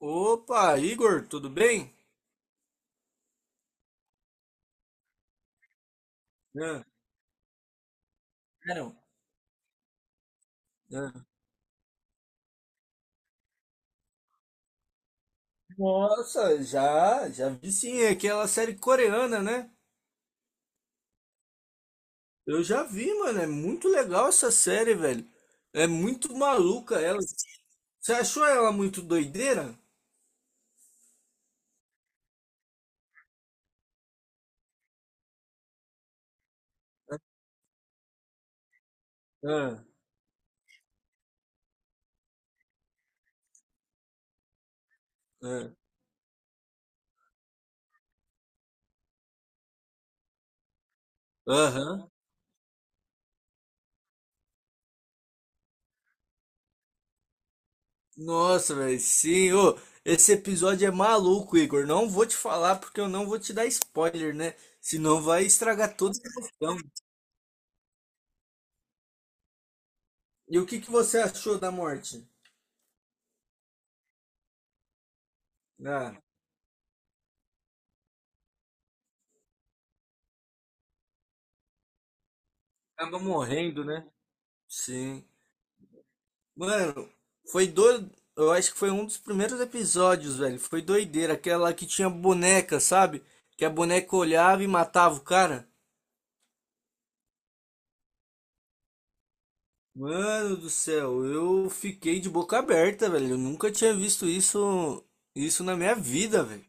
Opa, Igor, tudo bem? Ah, Claro. ah. Nossa, já vi sim, é aquela série coreana, né? Eu já vi, mano, é muito legal essa série, velho. É muito maluca ela. Você achou ela muito doideira? Ah, ah. Aham. Nossa, velho, sim. Ô, esse episódio é maluco, Igor. Não vou te falar porque eu não vou te dar spoiler, né? Senão vai estragar toda a emoção. E o que que você achou da morte? Ah. Acaba morrendo, né? Sim. Mano, foi do... Eu acho que foi um dos primeiros episódios, velho. Foi doideira. Aquela que tinha boneca, sabe? Que a boneca olhava e matava o cara. Mano do céu, eu fiquei de boca aberta, velho. Eu nunca tinha visto isso, isso na minha vida, velho.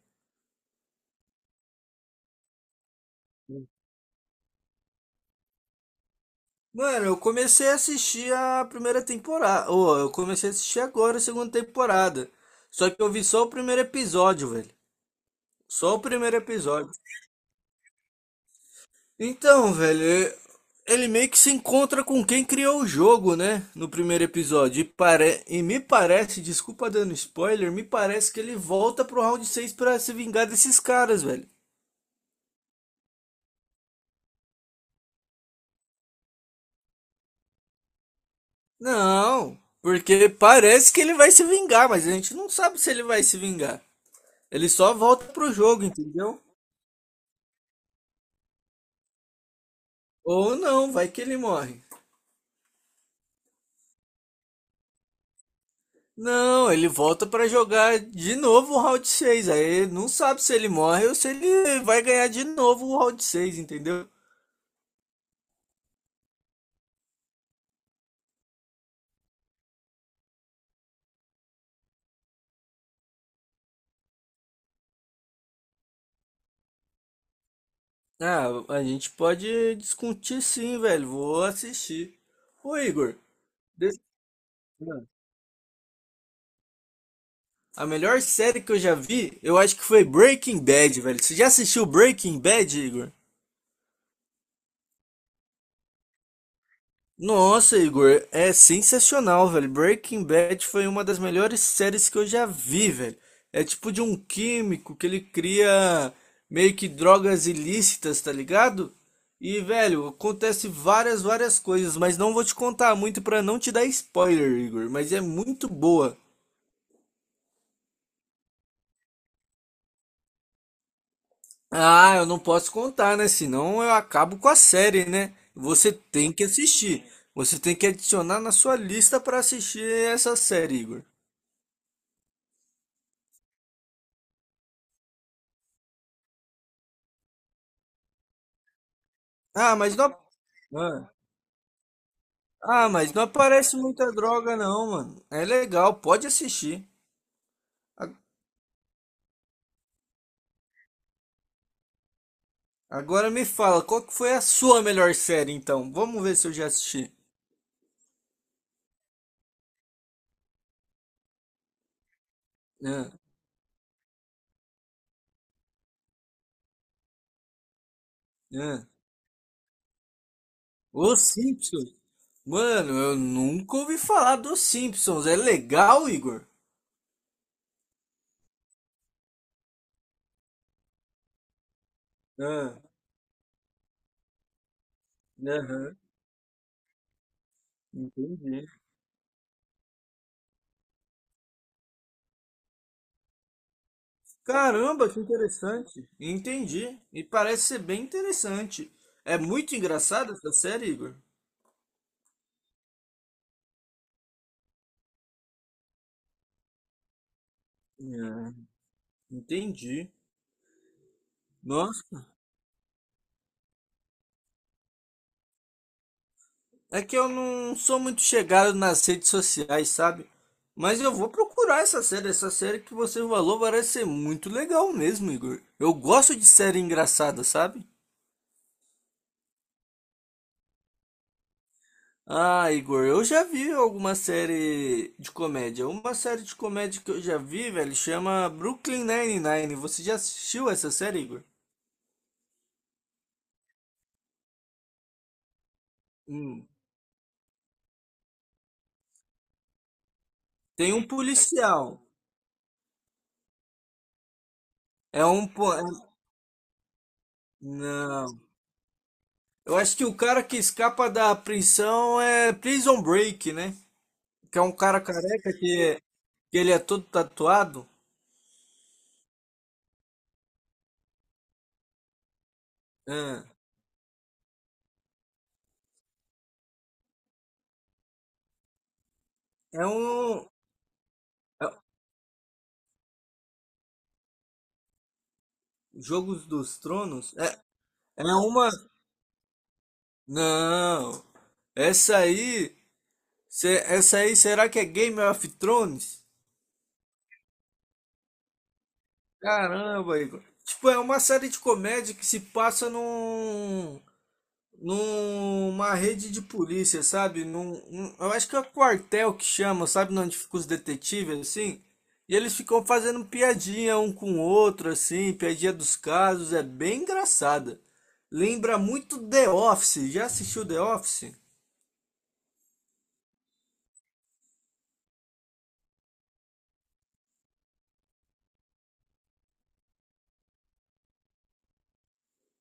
Mano, eu comecei a assistir a primeira temporada. Ô, eu comecei a assistir agora a segunda temporada. Só que eu vi só o primeiro episódio, velho. Só o primeiro episódio. Então, velho, ele meio que se encontra com quem criou o jogo, né? No primeiro episódio. E, pare... e me parece, desculpa dando spoiler, me parece que ele volta pro round 6 pra se vingar desses caras, velho. Não, porque parece que ele vai se vingar, mas a gente não sabe se ele vai se vingar. Ele só volta pro jogo, entendeu? Ou não, vai que ele morre. Não, ele volta pra jogar de novo o round seis. Aí não sabe se ele morre ou se ele vai ganhar de novo o round seis, entendeu? Ah, a gente pode discutir sim, velho. Vou assistir. Ô, Igor, des- a melhor série que eu já vi, eu acho que foi Breaking Bad, velho. Você já assistiu Breaking Bad, Igor? Nossa, Igor, é sensacional, velho. Breaking Bad foi uma das melhores séries que eu já vi, velho. É tipo de um químico que ele cria meio que drogas ilícitas, tá ligado? E, velho, acontece várias, várias coisas, mas não vou te contar muito pra não te dar spoiler, Igor, mas é muito boa. Ah, eu não posso contar, né? Senão eu acabo com a série, né? Você tem que assistir. Você tem que adicionar na sua lista pra assistir essa série, Igor. Ah, mas não. Ah, ah, mas não aparece muita droga, não, mano. É legal, pode assistir. A- Agora me fala, qual que foi a sua melhor série, então? Vamos ver se eu já assisti. Ah, ah. Os Simpsons? Mano, eu nunca ouvi falar dos Simpsons. É legal, Igor? Ah, aham, entendi. Caramba, que interessante. Entendi. E parece ser bem interessante. É muito engraçada essa série, Igor? Ah, entendi. Nossa. É que eu não sou muito chegado nas redes sociais, sabe? Mas eu vou procurar essa série. Essa série que você falou parece ser muito legal mesmo, Igor. Eu gosto de série engraçada, sabe? Ah, Igor, eu já vi alguma série de comédia. Uma série de comédia que eu já vi, velho, chama Brooklyn Nine-Nine. Você já assistiu essa série, Igor? Hum. Tem um policial. É um. po- é- Não. Eu acho que o cara que escapa da prisão é Prison Break, né? Que é um cara careca que ele é todo tatuado. É, é um. é- Jogos dos Tronos? É, é uma. Não! Essa aí. Essa aí, será que é Game of Thrones? Caramba, Igor. Tipo, é uma série de comédia que se passa num. Numa rede de polícia, sabe? Eu acho que é quartel que chama, sabe? Onde ficam os detetives, assim. E eles ficam fazendo piadinha um com o outro, assim, piadinha dos casos, é bem engraçada. Lembra muito The Office. Já assistiu The Office?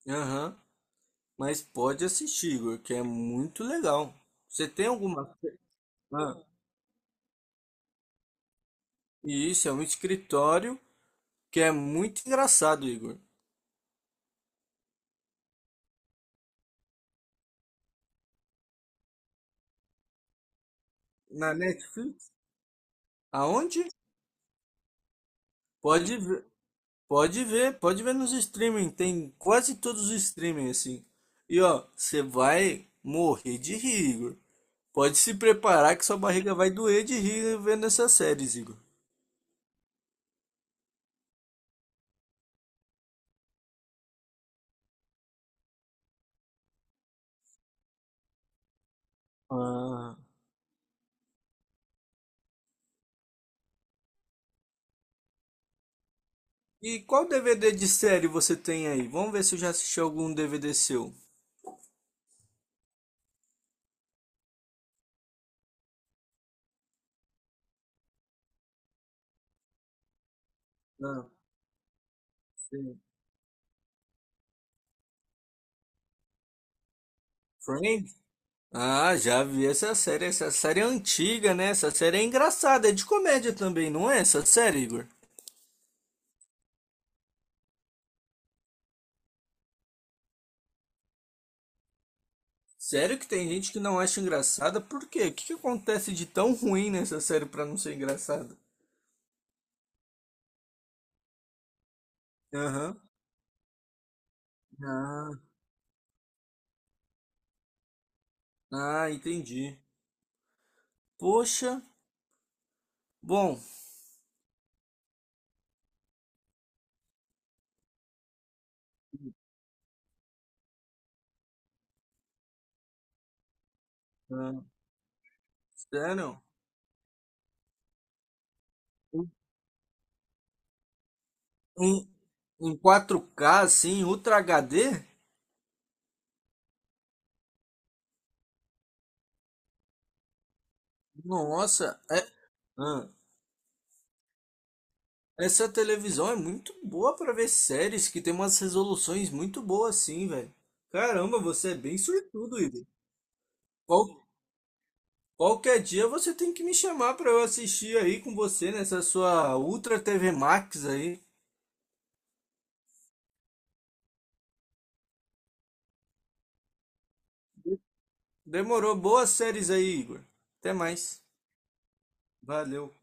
Aham. Mas pode assistir, Igor, que é muito legal. Você tem alguma. Ah, e isso é um escritório que é muito engraçado, Igor. Na Netflix? Aonde? Pode ver. Pode ver, pode ver nos streaming, tem quase todos os streaming assim. E ó, você vai morrer de rir, Igor. Pode se preparar que sua barriga vai doer de rir vendo essas séries, Igor. Ah. E qual DVD de série você tem aí? Vamos ver se eu já assisti algum DVD seu. Ah, sim. Friends? Ah, já vi essa série. Essa série é antiga, né? Essa série é engraçada, é de comédia também, não é essa série, Igor? Sério que tem gente que não acha engraçada? Por quê? O que que acontece de tão ruim nessa série pra não ser engraçada? Aham. Ah, entendi. Poxa, bom, ah, sério? Em, em 4K, assim, Ultra HD? Nossa, ah, essa televisão é muito boa pra ver séries que tem umas resoluções muito boas, assim, velho. Caramba, você é bem sortudo, Igor. Qual, Qualquer dia você tem que me chamar pra eu assistir aí com você nessa sua Ultra TV Max aí. Demorou. Boas séries aí, Igor. Até mais. Valeu.